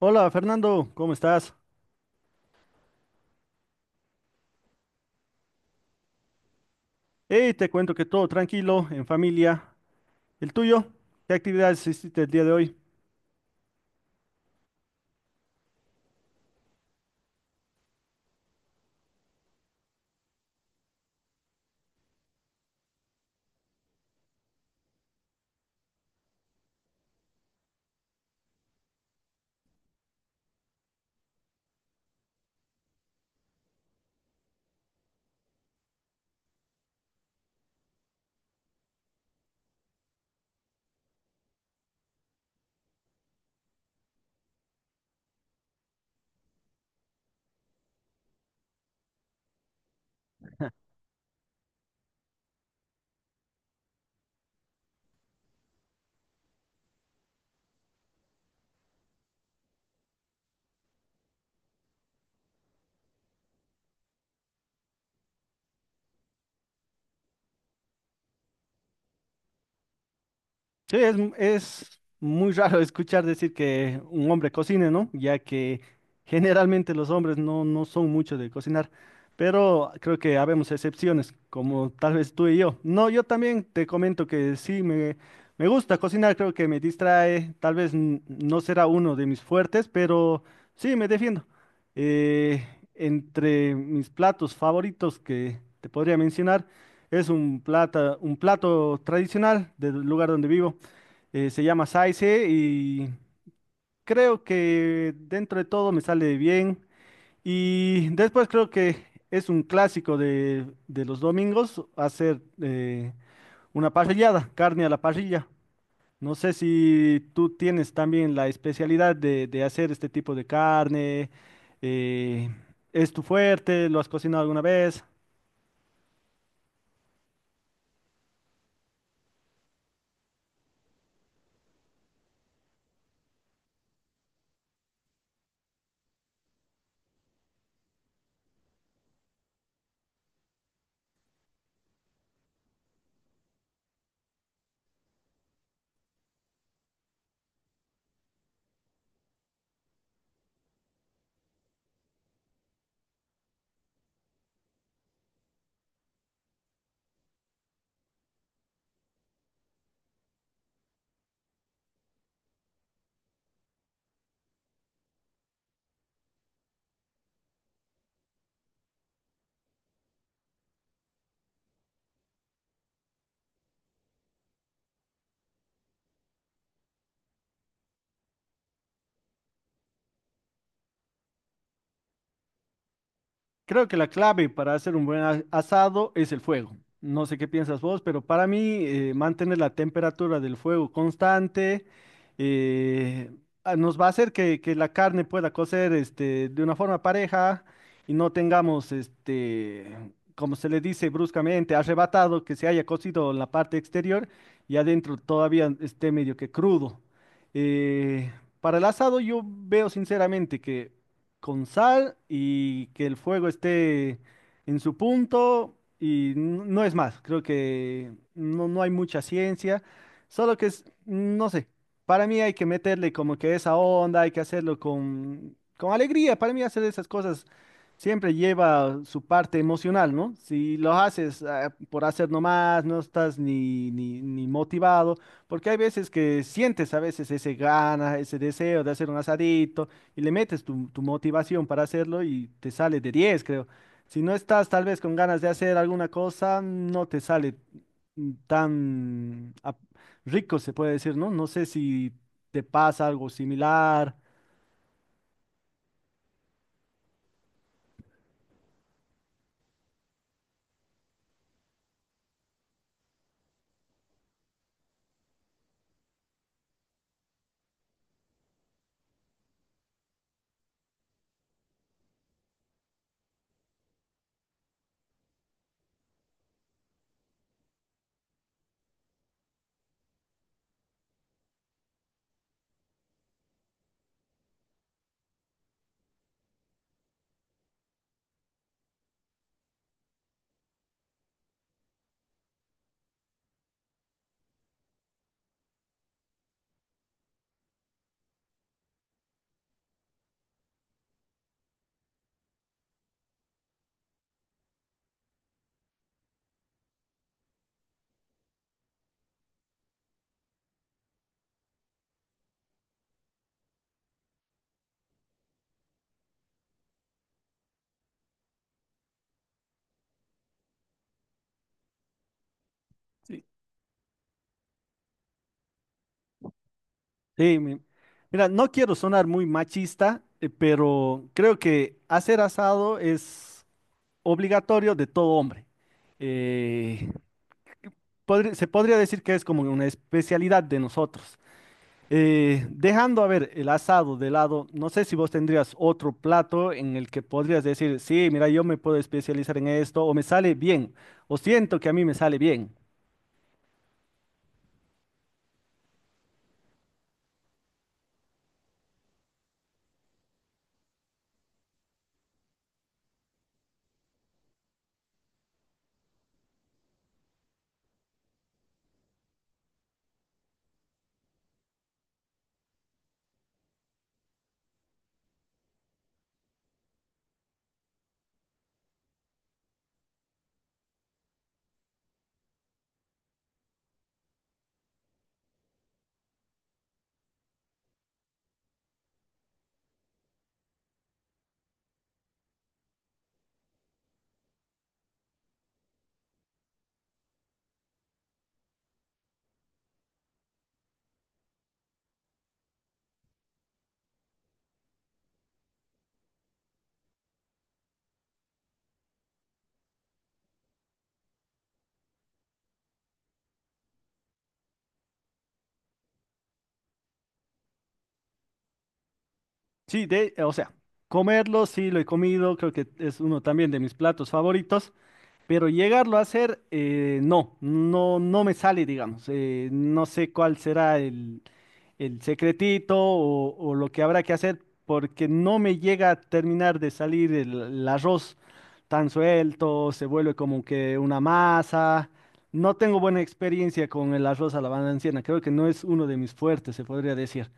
Hola Fernando, ¿cómo estás? Hey, te cuento que todo tranquilo, en familia. ¿El tuyo? ¿Qué actividades hiciste el día de hoy? Sí, es muy raro escuchar decir que un hombre cocine, ¿no? Ya que generalmente los hombres no, no son muchos de cocinar, pero creo que habemos excepciones, como tal vez tú y yo. No, yo también te comento que sí, me gusta cocinar, creo que me distrae, tal vez no será uno de mis fuertes, pero sí, me defiendo. Eh, Entre mis platos favoritos que te podría mencionar, es un un plato tradicional del lugar donde vivo. Se llama Saize y creo que dentro de todo me sale bien. Y después creo que es un clásico de los domingos hacer una parrillada, carne a la parrilla. No sé si tú tienes también la especialidad de hacer este tipo de carne. eh, ¿Es tu fuerte? ¿Lo has cocinado alguna vez? Creo que la clave para hacer un asado es el fuego. No sé qué piensas vos, pero para mí mantener la temperatura del fuego constante eh, nos va a hacer que la carne pueda cocer este, de una forma pareja y no tengamos, este, como se le dice bruscamente, arrebatado, que se haya cocido la parte exterior y adentro todavía esté medio que crudo. Eh, para el asado yo veo sinceramente que con sal y que el fuego esté en su punto y no es más. Creo que no, no hay mucha ciencia, solo que es, no sé, para mí hay que meterle como que esa onda, hay que hacerlo con alegría. Para mí hacer esas cosas siempre lleva su parte emocional, ¿no? Si lo haces por hacer nomás, no estás ni motivado, porque hay veces que sientes a veces ese gana, ese deseo de hacer un asadito y le metes tu motivación para hacerlo y te sale de 10 creo. Si no estás tal vez con ganas de hacer alguna cosa, no te sale tan rico, se puede decir, ¿no? No sé si te pasa algo similar. Sí. Sí, mira, no quiero sonar muy machista, pero creo que hacer asado es obligatorio de todo hombre. Eh, Se podría decir que es como una especialidad de nosotros. Dejando, a ver, el asado de lado, no sé si vos tendrías otro plato en el que podrías decir, sí, mira, yo me puedo especializar en esto, o me sale bien, o siento que a mí me sale bien. Sí, de, o sea, comerlo, sí, lo he comido, creo que es uno también de mis platos favoritos, pero llegarlo a hacer, no, no, no me sale, digamos. No sé cuál será el secretito o lo que habrá que hacer porque no me llega a terminar de salir el arroz tan suelto, se vuelve como que una masa. No tengo buena experiencia con el arroz a la valenciana, creo que no es uno de mis fuertes, se podría decir.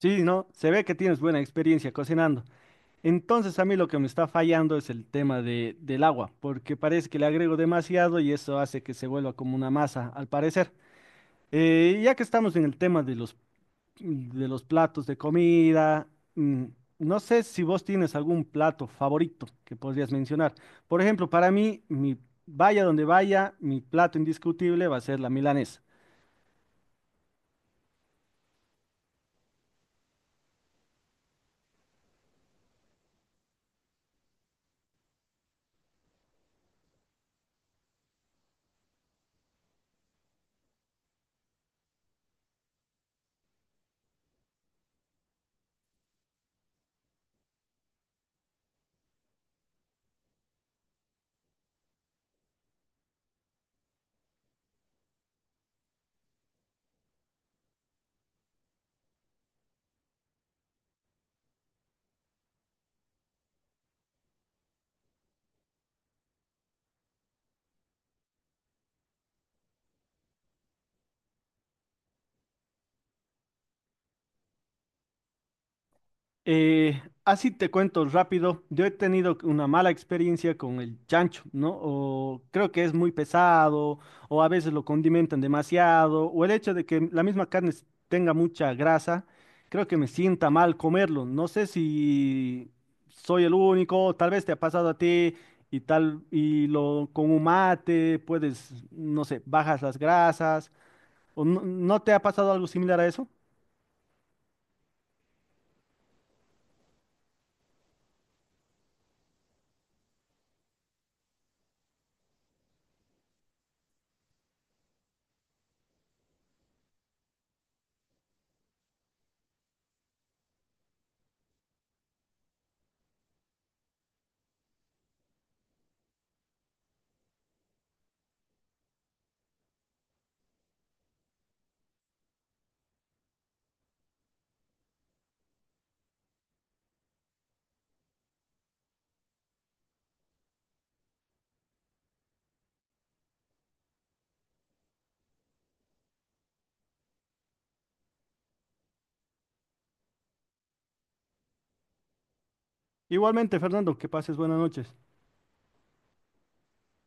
Sí, no, se ve que tienes buena experiencia cocinando. Entonces a mí lo que me está fallando es el tema de, del agua, porque parece que le agrego demasiado y eso hace que se vuelva como una masa, al parecer. Ya que estamos en el tema de los platos de comida. mm, No sé si vos tienes algún plato favorito que podrías mencionar. Por ejemplo, para mí, mi, vaya donde vaya, mi plato indiscutible va a ser la milanesa. Así te cuento rápido, yo he tenido una mala experiencia con el chancho, ¿no? O creo que es muy pesado, o a veces lo condimentan demasiado, o el hecho de que la misma carne tenga mucha grasa, creo que me sienta mal comerlo. No sé si soy el único, tal vez te ha pasado a ti y tal, y lo con un mate puedes, no sé, bajas las grasas, o no no te ha pasado algo similar a eso. Igualmente, Fernando, que pases buenas noches.